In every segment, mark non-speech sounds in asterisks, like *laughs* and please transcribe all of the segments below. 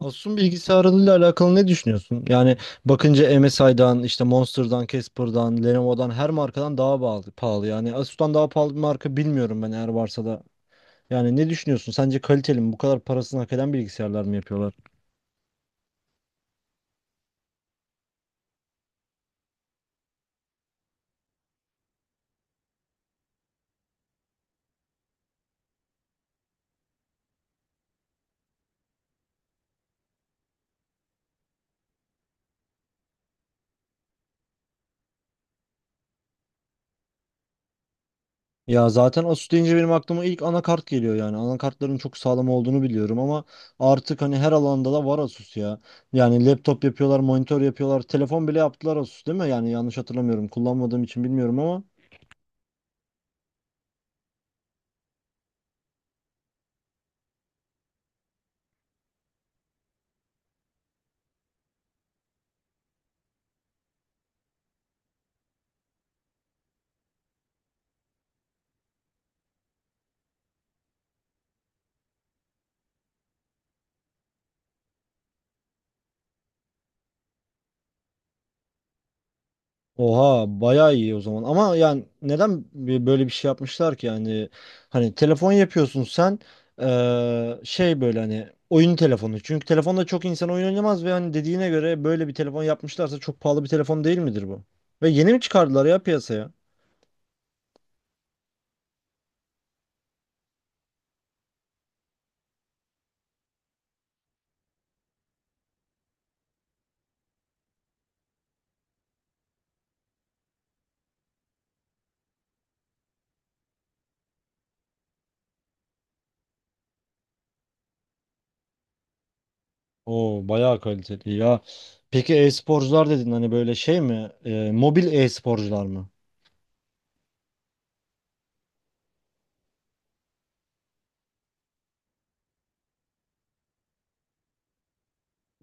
Asus'un bilgisayarlarıyla alakalı ne düşünüyorsun? Yani bakınca MSI'dan, işte Monster'dan, Casper'dan, Lenovo'dan her markadan daha pahalı, pahalı. Yani Asus'tan daha pahalı bir marka bilmiyorum ben, eğer varsa da. Yani ne düşünüyorsun? Sence kaliteli mi? Bu kadar parasını hak eden bilgisayarlar mı yapıyorlar? Ya zaten Asus deyince benim aklıma ilk anakart geliyor yani. Anakartların çok sağlam olduğunu biliyorum ama artık hani her alanda da var Asus ya. Yani laptop yapıyorlar, monitör yapıyorlar, telefon bile yaptılar Asus, değil mi? Yani yanlış hatırlamıyorum. Kullanmadığım için bilmiyorum ama. Oha, bayağı iyi o zaman ama yani neden böyle bir şey yapmışlar ki yani? Hani telefon yapıyorsun sen, şey, böyle hani oyun telefonu. Çünkü telefonda çok insan oyun oynamaz ve hani dediğine göre böyle bir telefon yapmışlarsa çok pahalı bir telefon değil midir bu? Ve yeni mi çıkardılar ya piyasaya? Oo, bayağı kaliteli ya. Peki e-sporcular dedin, hani böyle şey mi? Mobil e-sporcular mı?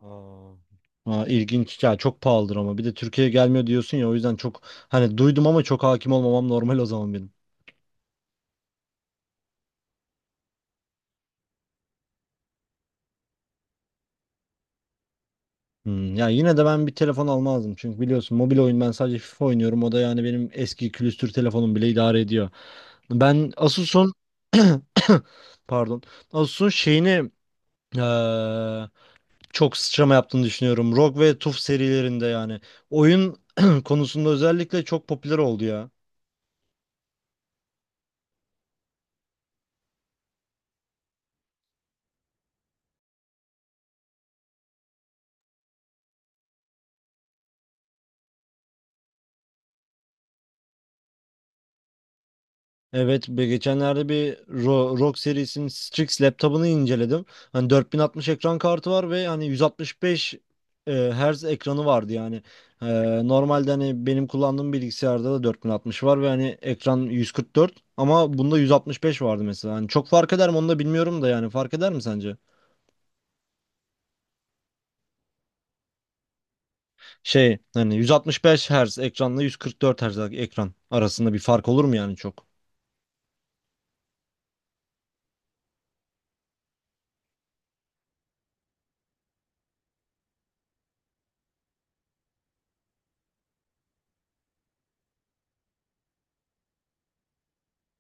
Aa, Aa, ilginç ya. Çok pahalıdır ama bir de Türkiye'ye gelmiyor diyorsun ya, o yüzden çok hani duydum ama çok hakim olmamam normal o zaman benim. Ya yine de ben bir telefon almazdım çünkü biliyorsun mobil oyun, ben sadece FIFA oynuyorum, o da yani benim eski külüstür telefonum bile idare ediyor. Ben Asus'un *coughs* pardon, Asus'un şeyini eee, çok sıçrama yaptığını düşünüyorum. ROG ve TUF serilerinde yani oyun *coughs* konusunda özellikle çok popüler oldu ya. Evet, geçenlerde bir ROG serisinin Strix laptopunu inceledim. Hani 4060 ekran kartı var ve hani 165 Hz ekranı vardı yani. E, Normalde hani benim kullandığım bilgisayarda da 4060 var ve hani ekran 144 ama bunda 165 vardı mesela. Hani çok fark eder mi, onu da bilmiyorum da, yani fark eder mi sence? Şey, hani 165 Hz ekranla 144 Hz ekran arasında bir fark olur mu yani çok?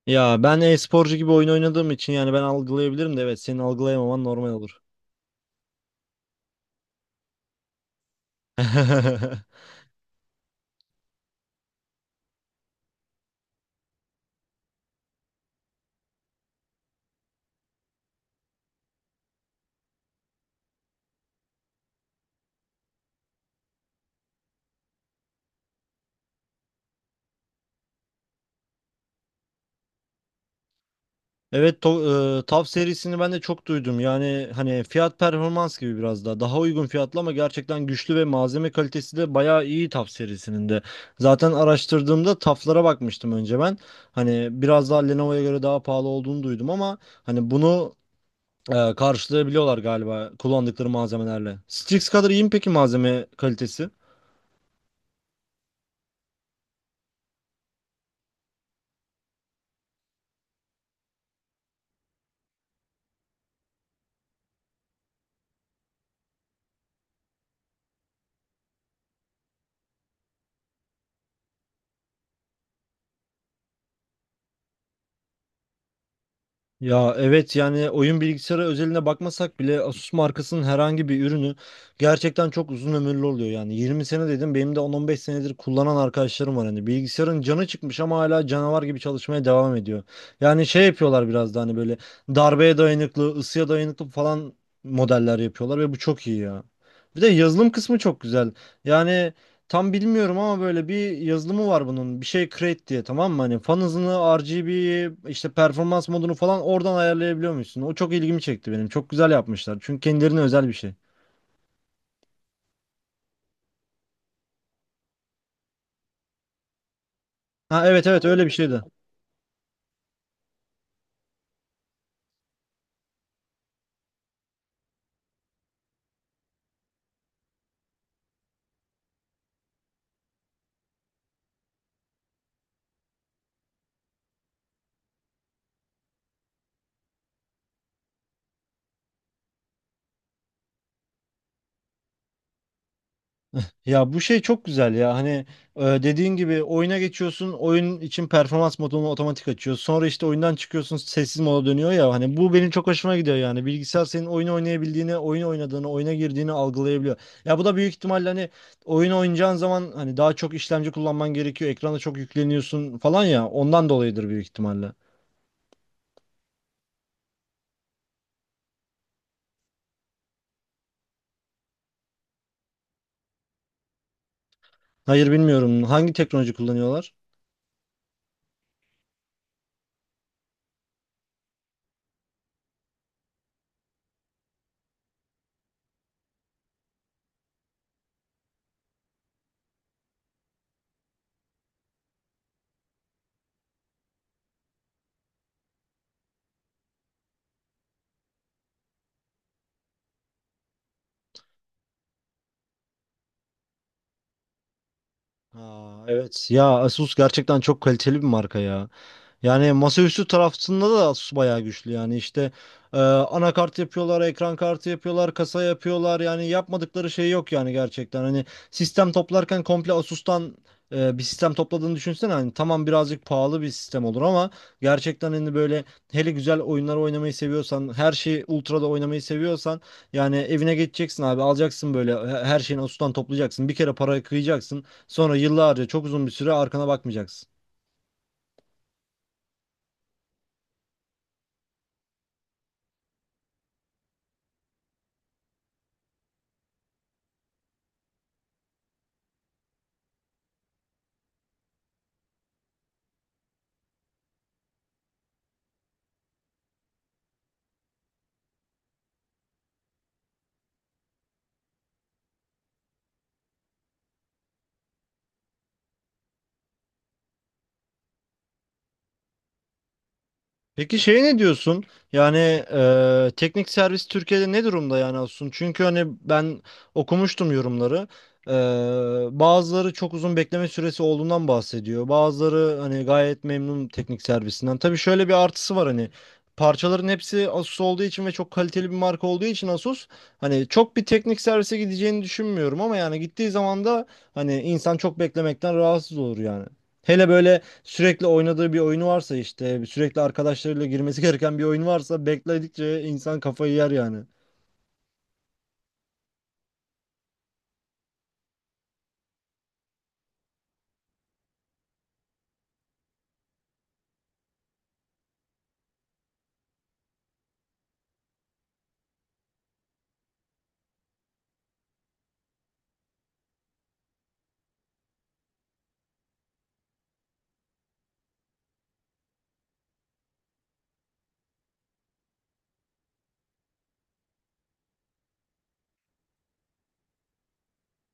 Ya ben e-sporcu gibi oyun oynadığım için yani ben algılayabilirim de, evet, senin algılayamaman normal olur. *laughs* Evet, TAV serisini ben de çok duydum. Yani hani fiyat performans gibi biraz daha. Daha uygun fiyatlı ama gerçekten güçlü ve malzeme kalitesi de bayağı iyi TAV serisinin de. Zaten araştırdığımda TAV'lara bakmıştım önce ben. Hani biraz daha Lenovo'ya göre daha pahalı olduğunu duydum ama hani bunu karşılayabiliyorlar galiba, kullandıkları malzemelerle. Strix kadar iyi mi peki malzeme kalitesi? Ya evet, yani oyun bilgisayarı özeline bakmasak bile Asus markasının herhangi bir ürünü gerçekten çok uzun ömürlü oluyor. Yani 20 sene dedim, benim de 10-15 senedir kullanan arkadaşlarım var, hani bilgisayarın canı çıkmış ama hala canavar gibi çalışmaya devam ediyor. Yani şey yapıyorlar biraz da hani böyle darbeye dayanıklı, ısıya dayanıklı falan modeller yapıyorlar ve bu çok iyi ya. Bir de yazılım kısmı çok güzel yani. Tam bilmiyorum ama böyle bir yazılımı var bunun. Bir şey create diye, tamam mı? Hani fan hızını, RGB'yi, işte performans modunu falan oradan ayarlayabiliyor musun? O çok ilgimi çekti benim. Çok güzel yapmışlar. Çünkü kendilerine özel bir şey. Ha, evet, evet, öyle bir şeydi. Ya bu şey çok güzel ya. Hani dediğin gibi oyuna geçiyorsun, oyun için performans modunu otomatik açıyor, sonra işte oyundan çıkıyorsun sessiz moda dönüyor ya. Hani bu benim çok hoşuma gidiyor, yani bilgisayar senin oyunu oynayabildiğini, oyun oynadığını, oyuna girdiğini algılayabiliyor. Ya bu da büyük ihtimalle hani oyun oynayacağın zaman hani daha çok işlemci kullanman gerekiyor, ekrana çok yükleniyorsun falan, ya ondan dolayıdır büyük ihtimalle. Hayır, bilmiyorum, hangi teknoloji kullanıyorlar? Aa, evet ya, Asus gerçekten çok kaliteli bir marka ya. Yani masaüstü tarafında da Asus bayağı güçlü yani. İşte anakart yapıyorlar, ekran kartı yapıyorlar, kasa yapıyorlar, yani yapmadıkları şey yok yani, gerçekten. Hani sistem toplarken komple Asus'tan bir sistem topladığını düşünsene. Hani tamam, birazcık pahalı bir sistem olur ama gerçekten hani böyle, hele güzel oyunlar oynamayı seviyorsan, her şeyi ultra'da oynamayı seviyorsan, yani evine geçeceksin abi, alacaksın böyle her şeyini Asus'tan toplayacaksın. Bir kere para kıyacaksın. Sonra yıllarca, çok uzun bir süre arkana bakmayacaksın. Peki şey, ne diyorsun? Yani teknik servis Türkiye'de ne durumda yani Asun? Çünkü hani ben okumuştum yorumları. E, Bazıları çok uzun bekleme süresi olduğundan bahsediyor. Bazıları hani gayet memnun teknik servisinden. Tabii şöyle bir artısı var, hani parçaların hepsi Asus olduğu için ve çok kaliteli bir marka olduğu için Asus, hani çok bir teknik servise gideceğini düşünmüyorum ama yani gittiği zaman da hani insan çok beklemekten rahatsız olur yani. Hele böyle sürekli oynadığı bir oyunu varsa, işte sürekli arkadaşlarıyla girmesi *laughs* gereken bir oyun varsa, bekledikçe insan kafayı yer yani.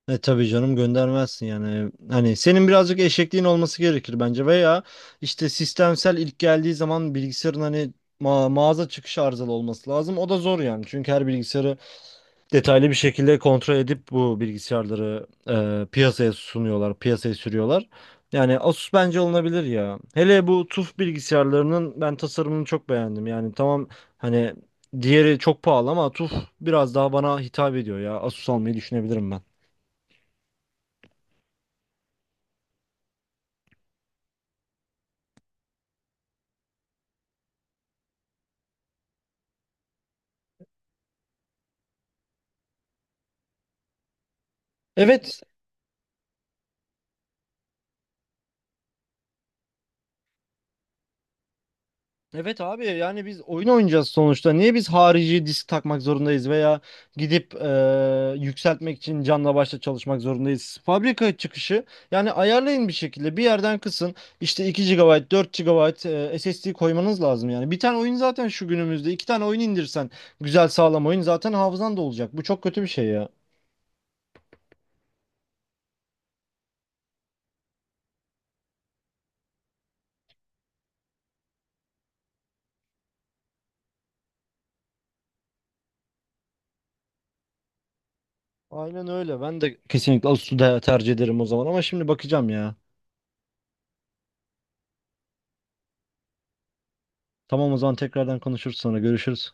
E tabii canım, göndermezsin yani. Hani senin birazcık eşekliğin olması gerekir bence, veya işte sistemsel, ilk geldiği zaman bilgisayarın hani mağaza çıkışı arızalı olması lazım. O da zor yani. Çünkü her bilgisayarı detaylı bir şekilde kontrol edip bu bilgisayarları piyasaya sunuyorlar, piyasaya sürüyorlar. Yani Asus bence alınabilir ya. Hele bu TUF bilgisayarlarının ben tasarımını çok beğendim. Yani tamam, hani diğeri çok pahalı ama TUF biraz daha bana hitap ediyor ya. Asus almayı düşünebilirim ben. Evet, evet abi, yani biz oyun oynayacağız sonuçta. Niye biz harici disk takmak zorundayız veya gidip yükseltmek için canla başla çalışmak zorundayız? Fabrika çıkışı yani, ayarlayın bir şekilde, bir yerden kısın, işte 2 GB, 4 GB SSD koymanız lazım yani. Bir tane oyun zaten, şu günümüzde iki tane oyun indirsen güzel sağlam oyun, zaten hafızan da olacak. Bu çok kötü bir şey ya. Aynen öyle, ben de kesinlikle Asus'u da tercih ederim o zaman ama şimdi bakacağım ya. Tamam o zaman, tekrardan konuşuruz, sonra görüşürüz.